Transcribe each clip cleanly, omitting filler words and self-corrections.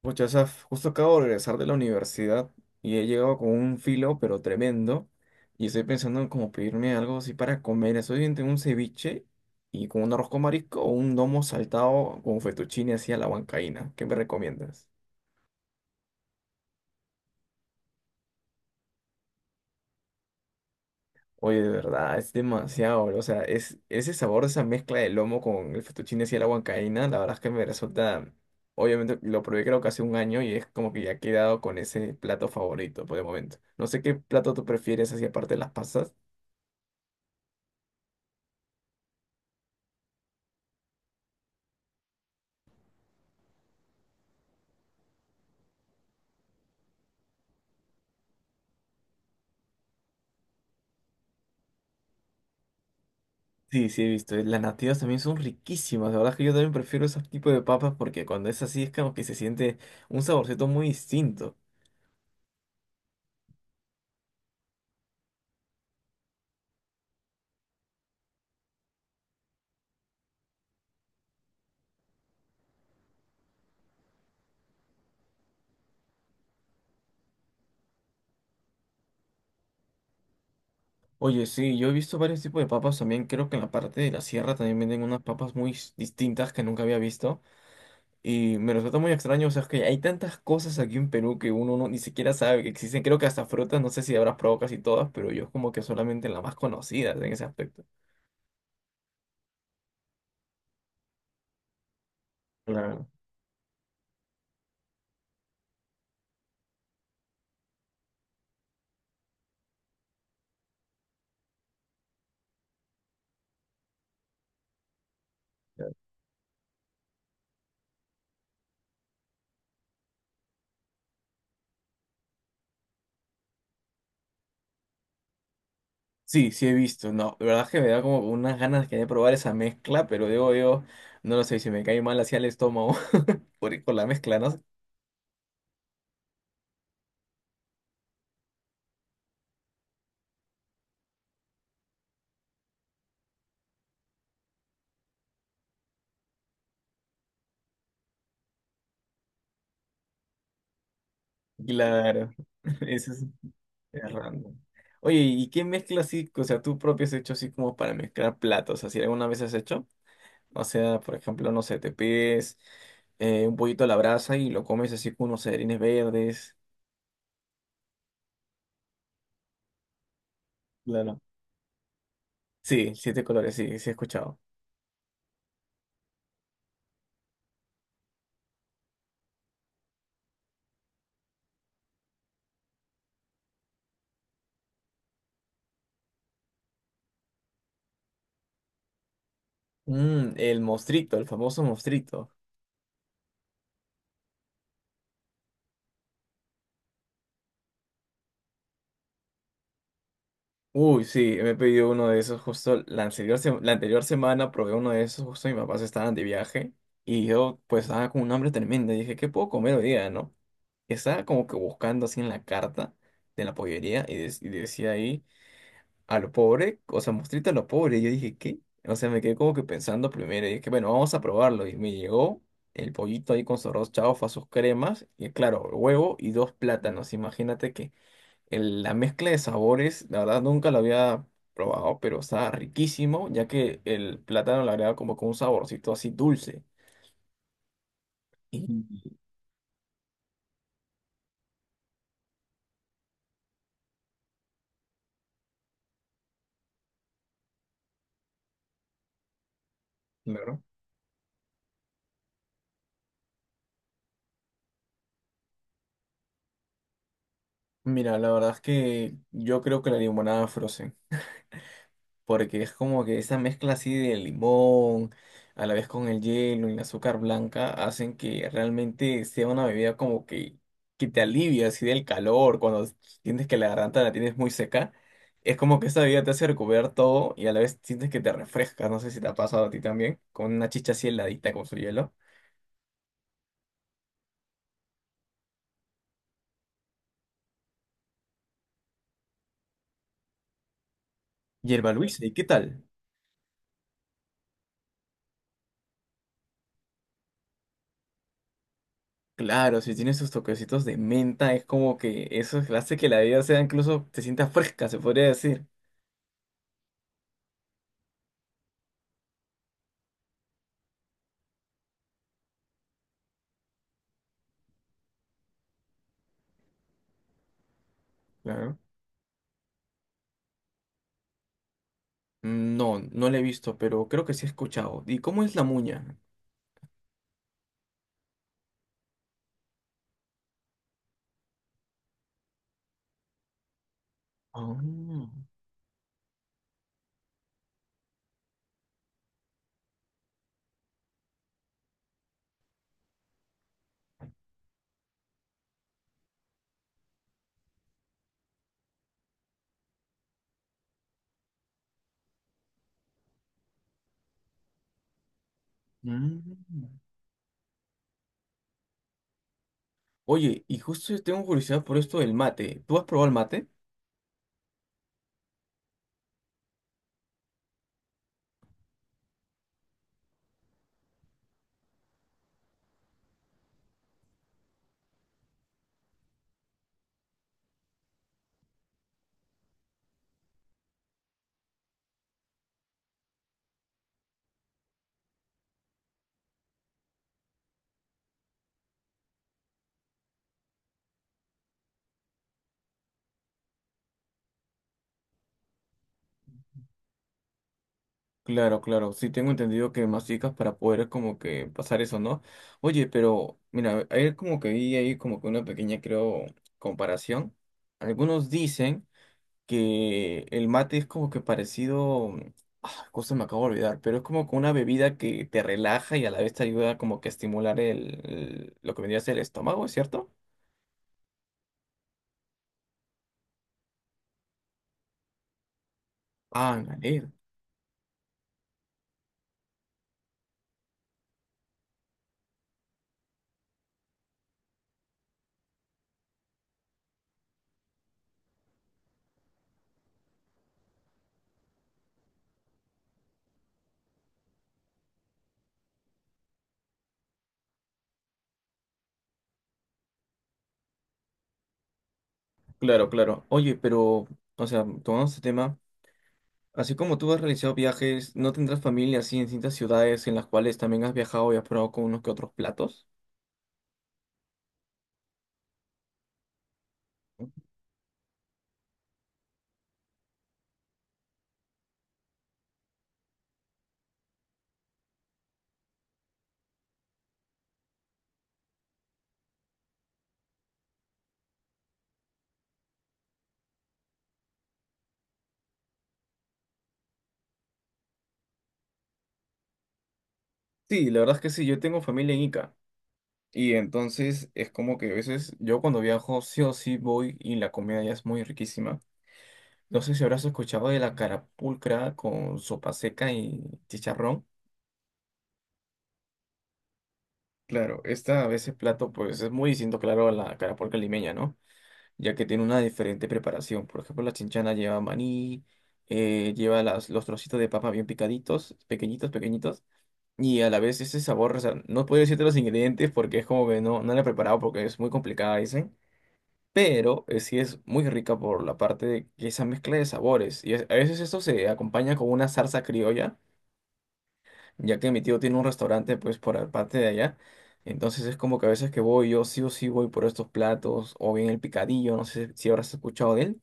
Pucha, Saf, justo acabo de regresar de la universidad y he llegado con un filo, pero tremendo. Y estoy pensando en como pedirme algo así para comer. Estoy entre un ceviche y con un arroz con marisco o un lomo saltado con fettuccine así a la huancaína. ¿Qué me recomiendas? Oye, de verdad, es demasiado. O sea, es ese sabor, esa mezcla del lomo con el fettuccine así a la huancaína, la verdad es que me resulta. Obviamente lo probé creo que hace un año y es como que ya he quedado con ese plato favorito por el momento. No sé qué plato tú prefieres así aparte de las pasas. Sí, sí, he visto. Las nativas también son riquísimas. La verdad es que yo también prefiero ese tipo de papas porque cuando es así es como que se siente un saborcito muy distinto. Oye, sí, yo he visto varios tipos de papas también. Creo que en la parte de la sierra también venden unas papas muy distintas que nunca había visto. Y me resulta muy extraño. O sea, es que hay tantas cosas aquí en Perú que uno no, ni siquiera sabe que existen. Creo que hasta frutas, no sé si habrás probado casi todas, pero yo es como que solamente las más conocidas en ese aspecto. Sí, sí he visto, no, de verdad es que me da como unas ganas que de probar esa mezcla, pero digo yo, no lo sé, si me cae mal hacia el estómago por, con la mezcla, ¿no? Claro, eso es random. Oye, ¿y qué mezcla así, o sea, tú propio has hecho así como para mezclar platos, así alguna vez has hecho? O sea, por ejemplo, no sé, te pides un pollito a la brasa y lo comes así con unos celerines verdes. Claro. Sí, siete colores, sí, sí he escuchado. Mm, el mostrito, el famoso mostrito. Uy, sí, me he pedido uno de esos justo la anterior, la anterior semana, probé uno de esos justo mis papás estaban de viaje y yo pues estaba con un hambre tremenda y dije, ¿qué puedo comer hoy día, no? Y estaba como que buscando así en la carta de la pollería y, y decía ahí, a lo pobre, o sea, mostrita a lo pobre. Y yo dije, ¿qué? O sea, me quedé como que pensando primero y dije, bueno, vamos a probarlo. Y me llegó el pollito ahí con su arroz chaufa, sus cremas y claro, huevo y dos plátanos. Imagínate que la mezcla de sabores, la verdad nunca lo había probado, pero estaba riquísimo, ya que el plátano le agrega como con un saborcito así dulce. Y, claro. Mira, la verdad es que yo creo que la limonada Frozen, porque es como que esa mezcla así de limón, a la vez con el hielo y el azúcar blanca, hacen que realmente sea una bebida como que te alivia así del calor, cuando sientes que la garganta la tienes muy seca, es como que esa bebida te hace recuperar todo y a la vez sientes que te refresca, no sé si te ha pasado a ti también, con una chicha así heladita con su hielo. Hierba Luisa, ¿y qué tal? Claro, si tiene sus toquecitos de menta, es como que eso hace que la bebida sea incluso, te sienta fresca, se podría decir. No, no la he visto, pero creo que sí he escuchado. ¿Y cómo es la muña? Ah, mm. Oye, y justo yo tengo curiosidad por esto del mate. ¿Tú has probado el mate? Claro, claro, sí tengo entendido que masticas para poder como que pasar eso, ¿no? Oye, pero mira, ayer como que vi ahí como que una pequeña, creo, comparación. Algunos dicen que el mate es como que parecido, ah, cosa me acabo de olvidar, pero es como que una bebida que te relaja y a la vez te ayuda como que a estimular lo que vendría a ser el estómago, ¿es cierto? Ah, me alegro. Claro, claro. Oye, pero, o sea, tomando este tema, así como tú has realizado viajes, ¿no tendrás familia así en distintas ciudades en las cuales también has viajado y has probado con unos que otros platos? Sí, la verdad es que sí, yo tengo familia en Ica. Y entonces es como que a veces yo cuando viajo sí o sí voy y la comida ya es muy riquísima. No sé si habrás escuchado de la carapulcra con sopa seca y chicharrón. Claro, esta a veces plato pues es muy distinto, claro, a la carapulcra limeña, ¿no? Ya que tiene una diferente preparación. Por ejemplo, la chinchana lleva maní, lleva los trocitos de papa bien picaditos, pequeñitos, pequeñitos. Y a la vez ese sabor, o sea, no puedo decirte los ingredientes porque es como que no, no la he preparado porque es muy complicada, dicen. Pero sí es muy rica por la parte de que esa mezcla de sabores. A veces esto se acompaña con una salsa criolla ya que mi tío tiene un restaurante pues por la parte de allá. Entonces es como que a veces que voy, yo sí o sí voy por estos platos o bien el picadillo, no sé si habrás escuchado de él.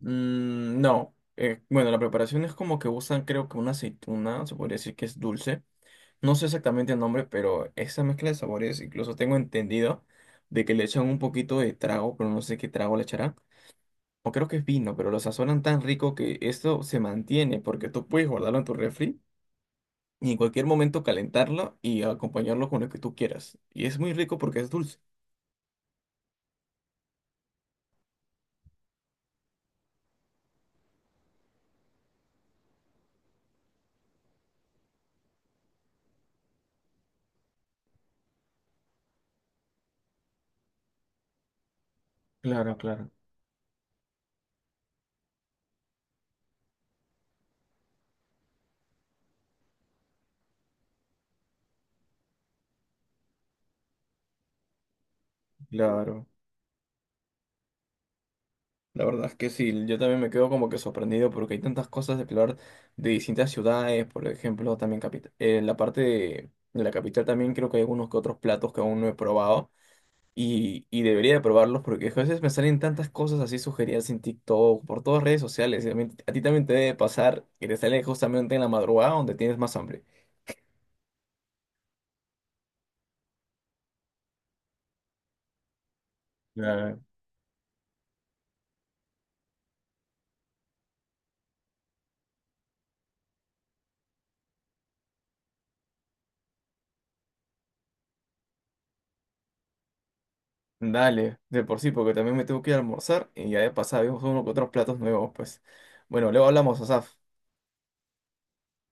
Mm, no. Bueno, la preparación es como que usan creo que una aceituna, se podría decir que es dulce. No sé exactamente el nombre, pero esa mezcla de sabores, incluso tengo entendido de que le echan un poquito de trago, pero no sé qué trago le echarán. O creo que es vino, pero lo sazonan tan rico que esto se mantiene porque tú puedes guardarlo en tu refri y en cualquier momento calentarlo y acompañarlo con lo que tú quieras. Y es muy rico porque es dulce. Claro, claro. Claro, la verdad es que sí, yo también me quedo como que sorprendido porque hay tantas cosas de explorar de distintas ciudades, por ejemplo, también la parte de la capital también creo que hay algunos que otros platos que aún no he probado y debería de probarlos porque a veces me salen tantas cosas así sugeridas en TikTok, por todas redes sociales, y a ti también te debe pasar que te sale justamente en la madrugada donde tienes más hambre. Dale, de por sí, porque también me tengo que ir a almorzar y ya de pasada vemos uno que otros platos nuevos, pues. Bueno, luego hablamos, Asaf.